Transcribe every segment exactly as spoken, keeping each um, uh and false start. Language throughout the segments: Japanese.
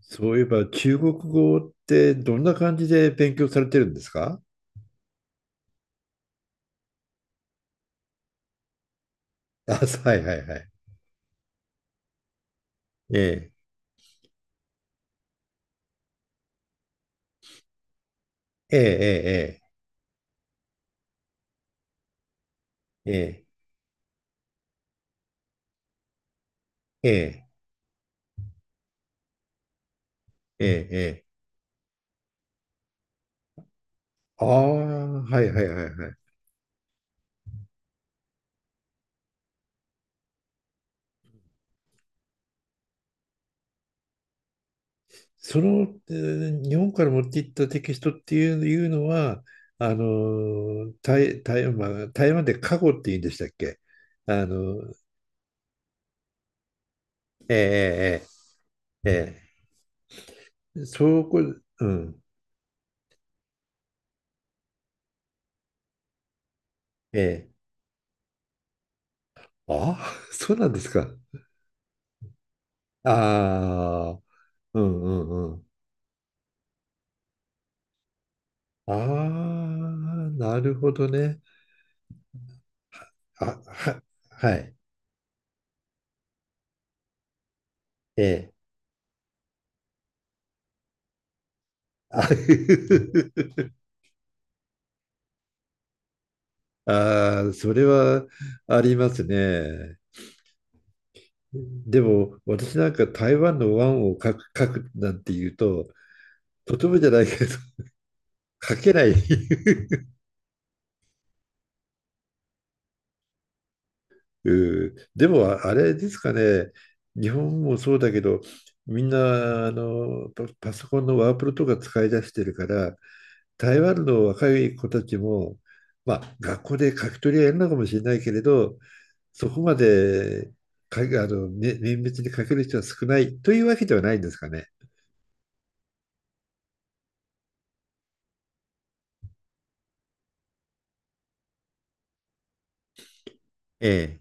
そういえば中国語ってどんな感じで勉強されてるんですか？ あ、そう、はいはいはい。ええ、ええ、ええ、ええ、ええ、ええ、ええ。ああ、はいはいはいはい。その、えー日本から持っていったテキストっていう、いうのは、あの、台、台湾、まあ台湾で過去って言うんでしたっけ？あの、ええ、ええ、ええ、ええ、そこ、うん、ええ、ああ。そうなんですか。ああ、うんうんうん。ああ、なるほどね。あ、は、はい。ええ。あ あー、それはありますね。でも、私なんか台湾の湾を書く、書くなんて言うと、とてもじゃないけど、書けない。 うん。でも、あれですかね。日本もそうだけど、みんな、あの、パパソコンのワープロとか使い出してるから、台湾の若い子たちも、まあ、学校で書き取りはやるのかもしれないけれど、そこまでかあの、ね、綿密に書ける人は少ないというわけではないんですかね。ええ。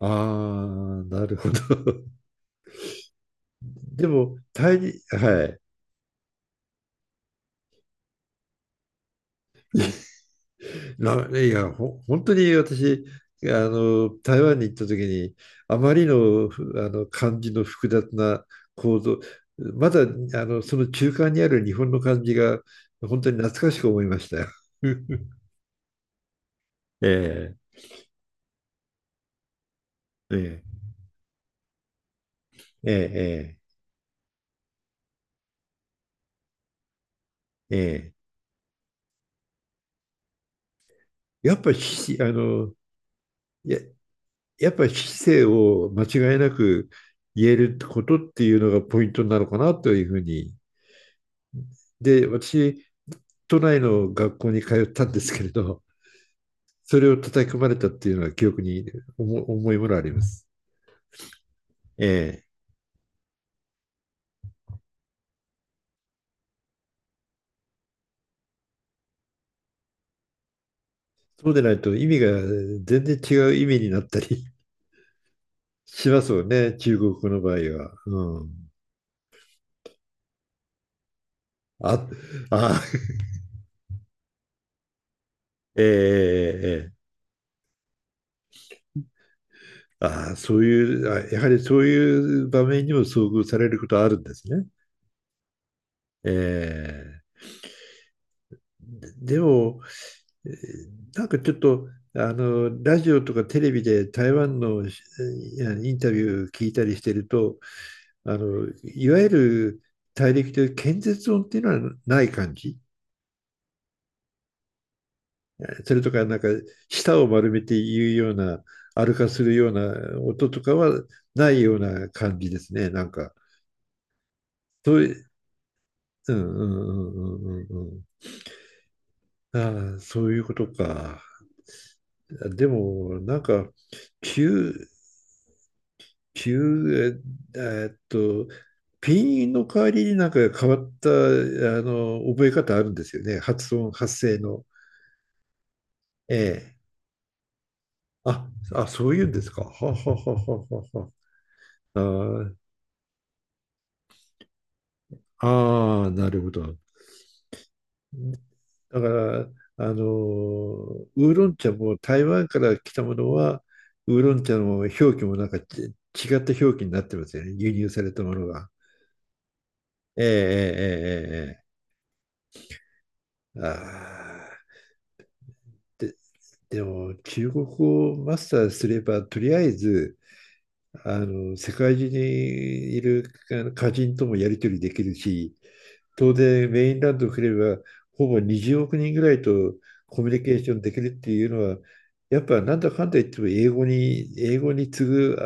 ああ、なるほど。でも、対に、はい。ないや、ほ、本当に私、あの、台湾に行った時に、あまりの、ふあの漢字の複雑な構造、まだあのその中間にある日本の漢字が本当に懐かしく思いましたよ。ええ、ええ、ええ、ええ。やっぱりし、あの、や、やっぱり市を間違いなく言えることっていうのがポイントなのかなというふうに。で、私、都内の学校に通ったんですけれど、それを叩き込まれたっていうのは記憶に重いものあります。ええ。そうでないと意味が全然違う意味になったりしますよね、中国語の場合は。うん。あ、あ、ええええ。あそういう、やはりそういう場面にも遭遇されることあるんですね。ええ。でも、えーなんかちょっと、あの、ラジオとかテレビで台湾のしえーインタビュー聞いたりしてると、あの、いわゆる大陸という建設音っていうのはない感じ。それとか、なんか、舌を丸めて言うような、歩かするような音とかはないような感じですね、なんか。そういう、うんうんうんうんうんうん、ああ、そういうことか。でも、なんか、急、急、ええーっと、ピンの代わりになんか変わった、あの、覚え方あるんですよね。発音、発声の。ええ。あ、あ、そういうんですか。はははははは。あーあー、なるほど。だから、あの、ウーロン茶も台湾から来たものは、ウーロン茶の表記もなんかち違った表記になってますよね。輸入されたものが。ええええええええ、ああ、で、でも中国語をマスターすれば、とりあえず、あの、世界中にいるあの歌人ともやり取りできるし、当然メインランドを振れば、ほぼにじゅうおく人ぐらいとコミュニケーションできるっていうのは、やっぱなんだかんだ言っても英語に、英語に次ぐ、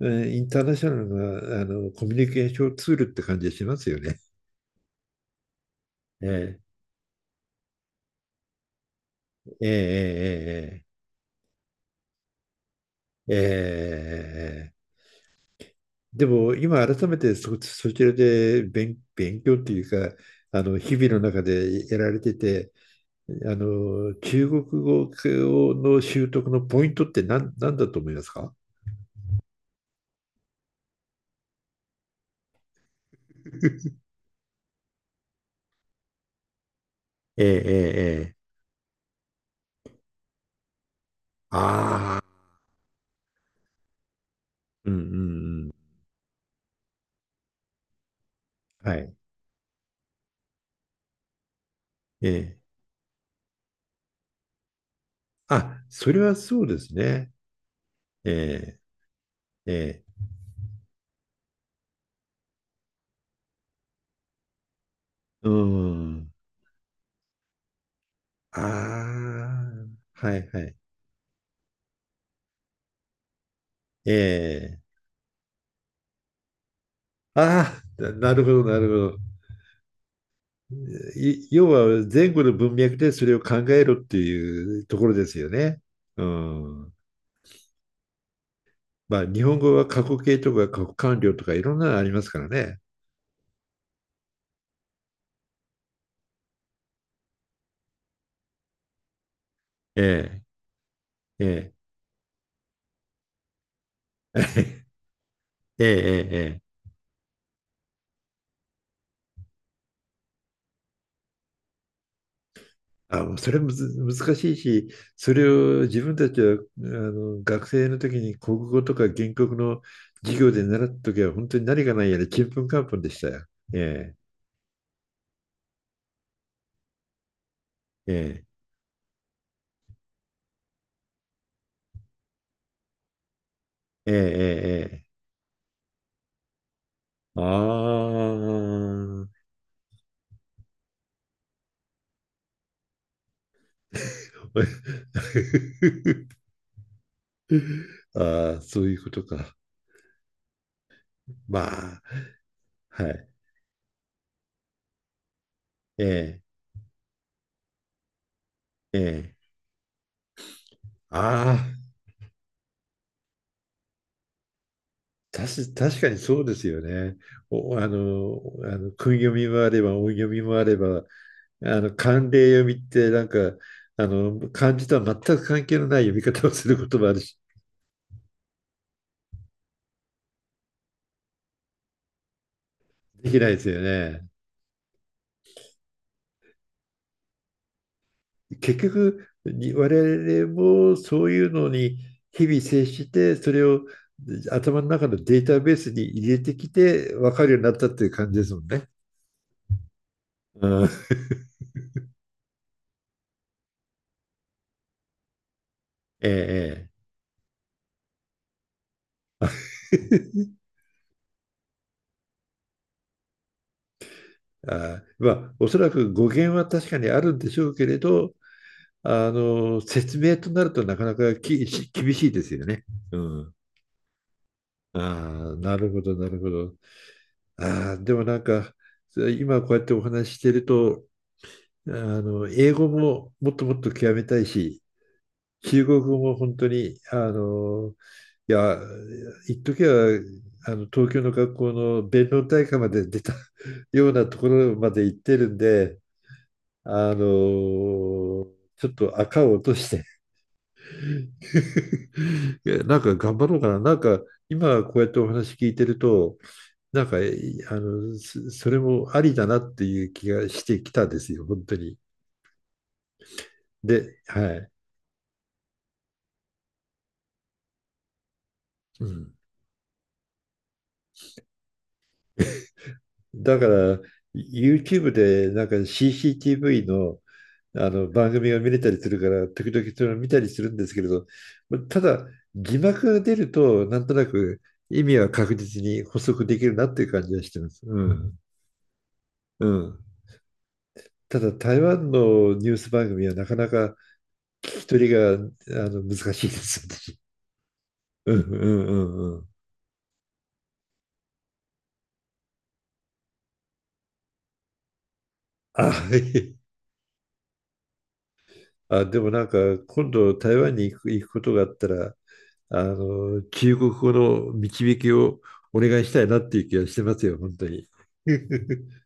インターナショナルなあのコミュニケーションツールって感じがしますよね。ええええええええええ、でも今改めてそ、そちらで勉、勉強っていうか、あの日々の中でやられてて、あの、中国語の習得のポイントって何、何だと思いますか？ええ、ええ、ええ、ああ、うん、うん、うん。はい。ええ、あ、それはそうですね。ええ、ええ、うん。ああ、はいはい。ええ。ああ、ななるほど、なるほど。い要は前後の文脈でそれを考えろっていうところですよね。うん。まあ、日本語は過去形とか過去完了とかいろんなのありますからね。ええ、ええ、ええ、ええ。ええあ、もうそれむず難しいし、それを自分たちはあの学生の時に国語とか原告の授業で習った時は本当に何がないやらちんぷんかんぷんでしたよ。ええ、ええ、ええ、ええ。ええ、ああ。ああ、そういうことか。まあ、はい。ええ、ええ。ああ。たし、確かにそうですよね。お、あの、あの、訓読みもあれば、音読みもあれば、あの、慣例読みってなんか、あの、漢字とは全く関係のない読み方をすることもあるし、できないですよね。結局、に我々もそういうのに日々接して、それを頭の中のデータベースに入れてきて、分かるようになったっていう感じですもんね。うん、ええ、ええ。あー、まあ、おそらく語源は確かにあるんでしょうけれど、あの、説明となるとなかなかきし厳しいですよね。うん。ああ、なるほど、なるほど。ああ、でもなんか、今こうやってお話ししてると、あの、英語ももっともっと極めたいし、中国語も本当に、あの、いや、一時は、あの、東京の学校の弁論大会まで出た ようなところまで行ってるんで、あの、ちょっと赤を落として いや、なんか頑張ろうかな。なんか今こうやってお話聞いてると、なんか、えあの、そそれもありだなっていう気がしてきたですよ、本当に。で、はい。うん。だから、YouTube でなんか シーシーティーブイ の、あの番組が見れたりするから、時々それを見たりするんですけれど、ただ、字幕が出ると、なんとなく意味は確実に補足できるなっていう感じはしてます。うん。うん。ただ台湾のニュース番組はなかなか聞き取りがあの難しいです私、うんうんうんうん。あ、はい。あ、でもなんか今度台湾に行く、行くことがあったら、あの、中国語の導きをお願いしたいなっていう気がしてますよ、本当に。